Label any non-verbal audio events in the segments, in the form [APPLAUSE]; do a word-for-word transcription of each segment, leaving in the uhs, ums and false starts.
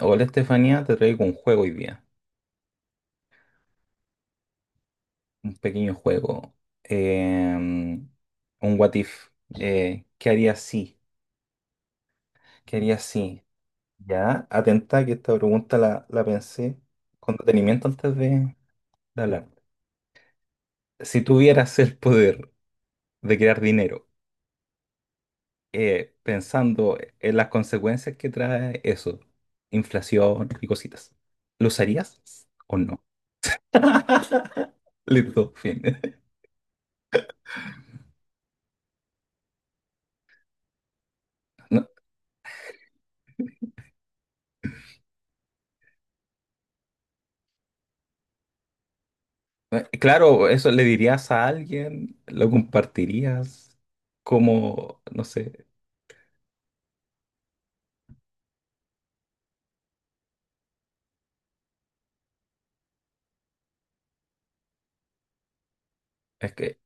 Hola Estefanía, te traigo un juego hoy día, un pequeño juego, em, un what if. Eh, ¿qué haría si? ¿Qué haría si? Ya, atenta que esta pregunta la, la pensé con detenimiento antes de, de hablar. Si tuvieras el poder de crear dinero, eh, pensando en las consecuencias que trae eso, inflación y cositas, ¿lo usarías o no? [LAUGHS] Listo, fin. [LAUGHS] Eh, Claro, eso le dirías a alguien, lo compartirías, como, no sé, es que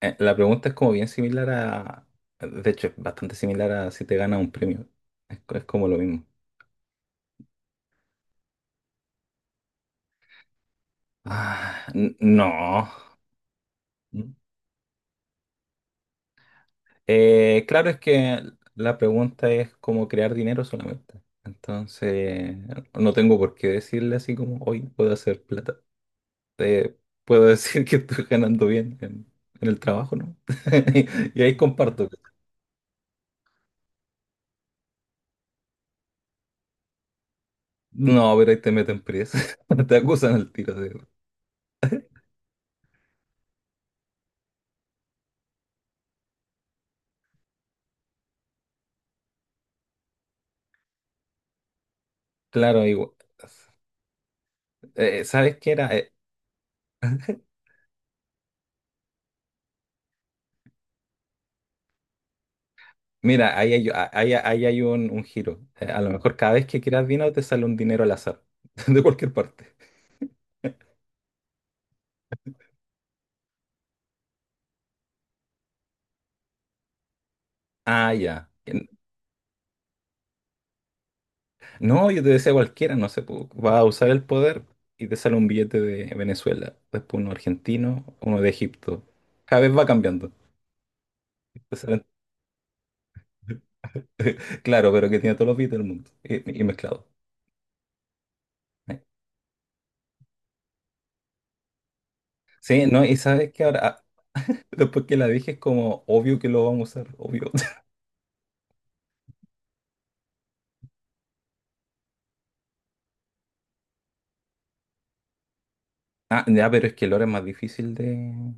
eh, la pregunta es como bien similar a, de hecho, es bastante similar a si te ganas un premio, es, co- es como lo mismo. Ah, n- no. Mm. Eh, claro, es que la pregunta es como crear dinero solamente, entonces no tengo por qué decirle así como, hoy puedo hacer plata. Te puedo decir que estoy ganando bien en, en el trabajo, ¿no? [LAUGHS] Y ahí comparto. No, pero ahí te meten presa. [LAUGHS] Te acusan el tiro. Sí. Claro, igual. Eh, ¿sabes qué era? Eh, mira, ahí hay, ah, ahí, ahí hay un, un giro. Eh, a lo mejor cada vez que quieras dinero te sale un dinero al azar, [LAUGHS] de cualquier parte. Ah, ya. No, yo te decía cualquiera, no sé, pu- vas a usar el poder y te sale un billete de Venezuela, después uno argentino, uno de Egipto. Cada vez va cambiando. [LAUGHS] Claro, pero que tiene todos los beats del mundo y, y mezclado. ¿Eh? Sí, no, y sabes que ahora, ah, después que la dije, es como obvio que lo vamos a usar, obvio. [LAUGHS] Ah, ya, pero es que el oro es más difícil de,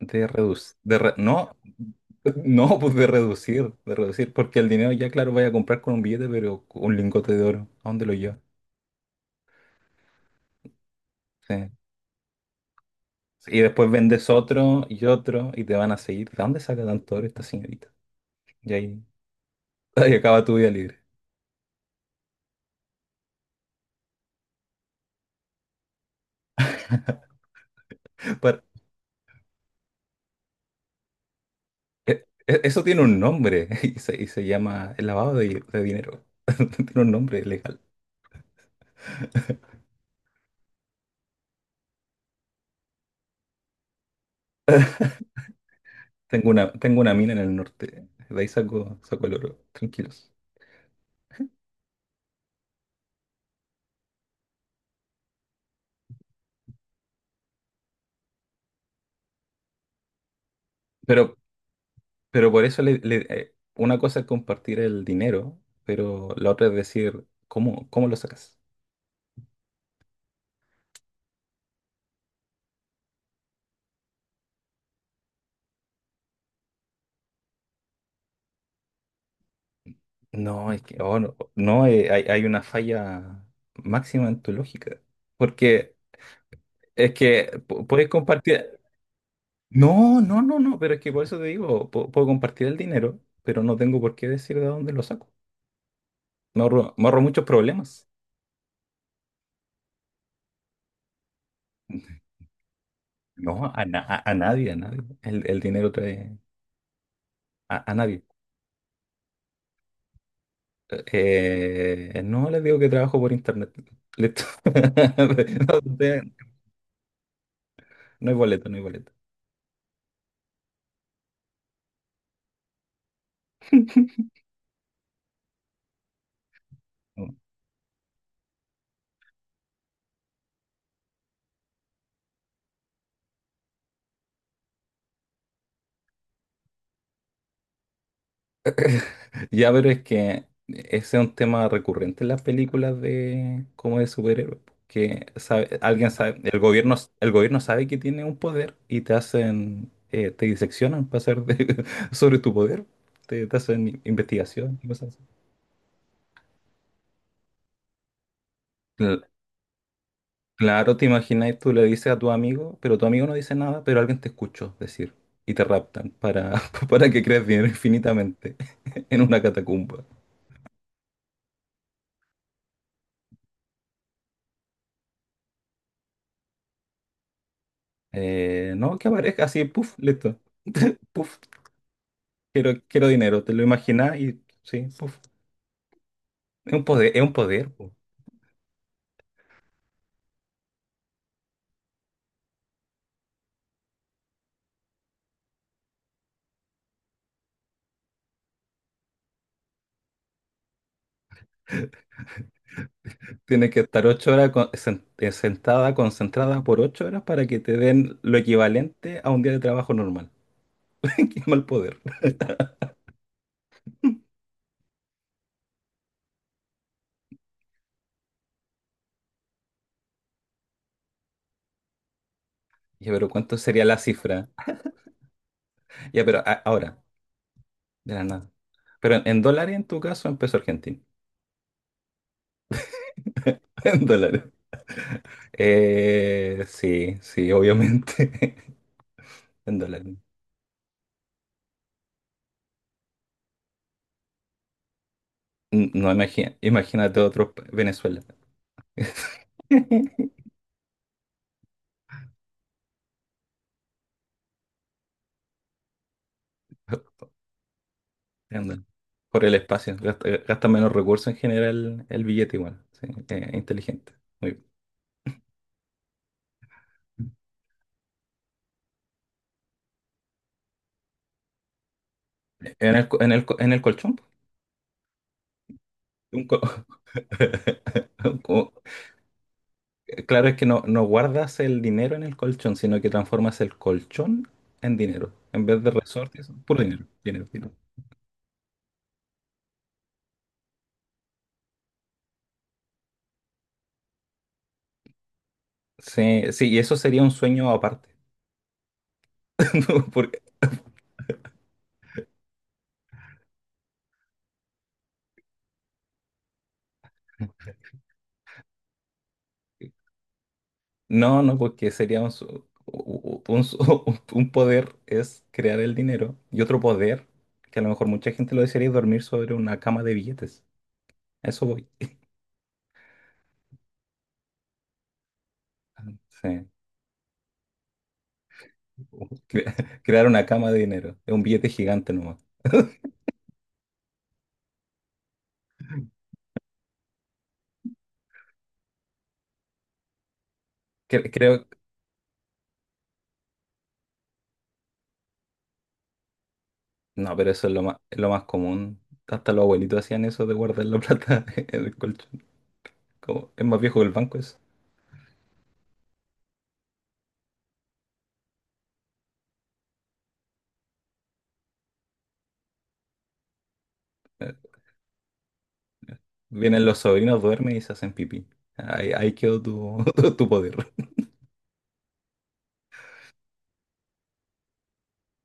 de reducir. De re- no, no, pues de reducir, de reducir, porque el dinero ya, claro, vaya a comprar con un billete, pero con un lingote de oro, ¿a dónde lo llevas? Sí. Y después vendes otro y otro y te van a seguir. ¿De dónde saca tanto oro esta señorita? Y ahí, ahí acaba tu vida libre. [LAUGHS] E- e- Eso tiene un nombre [LAUGHS] y se, y se llama el lavado de, de dinero. [LAUGHS] Tiene un nombre legal. Tengo una, tengo una mina en el norte. De ahí saco, saco el oro. Tranquilos. Pero, pero por eso le- le- eh, una cosa es compartir el dinero, pero la otra es decir, ¿cómo, cómo lo sacas? No, es que oh, no, no, eh, hay, hay una falla máxima en tu lógica. Porque es que pu- puedes compartir. No, no, no, no, pero es que por eso te digo, po- puedo, compartir el dinero, pero no tengo por qué decir de dónde lo saco. Me ahorro, me ahorro muchos problemas. [LAUGHS] No, a, na- a- a nadie, a nadie. El, el dinero trae a, a nadie. Eh, no les digo que trabajo por internet. Listo. [LAUGHS] No, no no hay boleto, no hay boleto. [LAUGHS] Ya, pero es que ese es un tema recurrente en las películas de como de superhéroes, po, que sabe- alguien sabe, el gobierno, el gobierno, sabe que tiene un poder y te hacen, eh, te diseccionan para hacer de- [LAUGHS] sobre tu poder, te, te hacen investigación y cosas así. Cl- Claro, te imaginas, tú le dices a tu amigo, pero tu amigo no dice nada, pero alguien te escuchó decir y te raptan para, [LAUGHS] para que creas dinero infinitamente [LAUGHS] en una catacumba. Eh, no, que aparezca así, puff, listo. [LAUGHS] Puf. Quiero, quiero dinero, te lo imaginas y sí, puf, es un poder, es un poder. Pu. Tienes que estar ocho horas con- sen- eh, sentada, concentrada por ocho horas para que te den lo equivalente a un día de trabajo normal. [LAUGHS] Qué mal poder. Ya, pero ¿cuánto sería la cifra? Ya, pero a- ahora, de la nada. Pero en, en dólares, en tu caso, en peso argentino. [LAUGHS] En dólares. Eh, sí, sí, obviamente. [LAUGHS] En dólares. N- No, imagina, imagínate otro pa- Venezuela. [LAUGHS] Entiendo. Por el espacio. Gasta, gasta menos recursos en general el billete igual. Sí, eh, inteligente. Muy bien. En el, co- en el, co- en el colchón. Un co- [LAUGHS] un co- Claro, es que no, no guardas el dinero en el colchón, sino que transformas el colchón en dinero. En vez de resortes, puro dinero. Dinero, dinero. Sí, sí, y eso sería un sueño aparte. [LAUGHS] Porque- No, no, porque sería un, su- u- u- un su- [LAUGHS] un poder es crear el dinero y otro poder, que a lo mejor mucha gente lo desearía, es dormir sobre una cama de billetes. A eso voy. Sí. Cre- [LAUGHS] crear una cama de dinero. Es un billete gigante nomás. Cre- creo, no, pero eso es lo más, es lo más común. Hasta los abuelitos hacían eso de guardar la [LAUGHS] plata en el colchón. Como, es más viejo que el banco eso. Eh, Vienen los sobrinos, duermen y se hacen pipí. Ahí, ahí quedó tu, [LAUGHS] tu poder.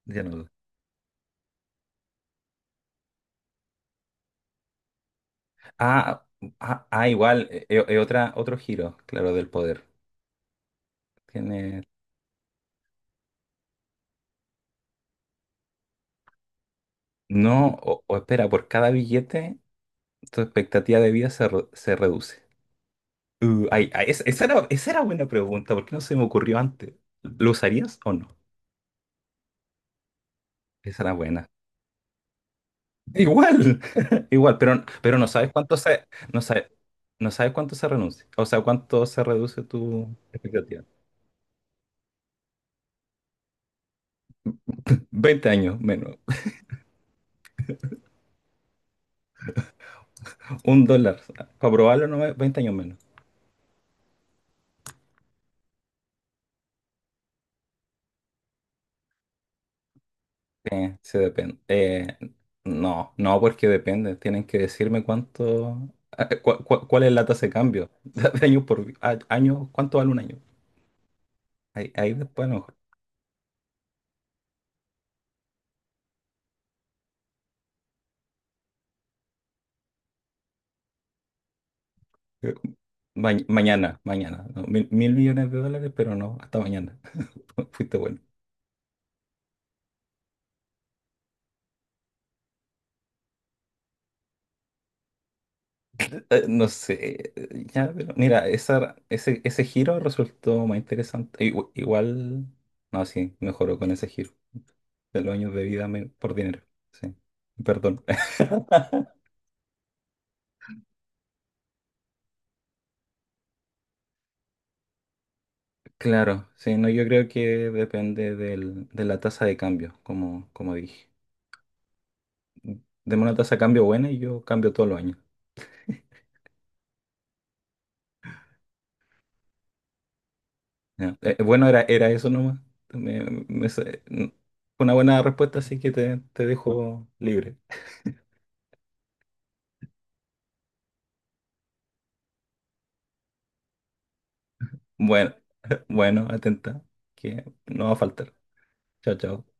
Ya no. Ah, ah, ah, igual, es otra, otro giro, claro, del poder. Tiene. No, o, o espera, por cada billete tu expectativa de vida se, re- se reduce. Uh, ay, ay, es- esa era, esa era buena pregunta, ¿por qué no se me ocurrió antes? ¿Lo usarías o no? Esa era buena. Igual, [LAUGHS] igual, pero, pero no sabes cuánto se, no sabes, no sabes cuánto se renuncia, o sea, cuánto se reduce tu expectativa. Veinte años menos, un dólar, para probarlo no, veinte años menos. Eh, se depende. Eh, no, no, porque depende. Tienen que decirme cuánto, eh, cua- cua- cuál es la tasa de cambio. [LAUGHS] Años por a- año, ¿cuánto vale un año? Ahí, ahí después a lo mejor. Eh, ma- mañana, mañana. ¿No? Mil, mil millones de dólares, pero no, hasta mañana. [LAUGHS] Fuiste bueno. Eh, No sé, eh, ya, pero mira, esa, ese, ese giro resultó más interesante. Igu- Igual, no, sí, mejoró con ese giro de los años de vida me- por dinero. Sí, perdón. [LAUGHS] Claro, sí, no, yo creo que depende del- de la tasa de cambio, como, como dije. Deme una tasa de cambio buena y yo cambio todos los años. Ya. Eh, eh, bueno, era, era eso nomás. Me- me sa- n- fue una buena respuesta, así que te, te dejo libre. Bueno, bueno, atenta, que no va a faltar. Chao, chao.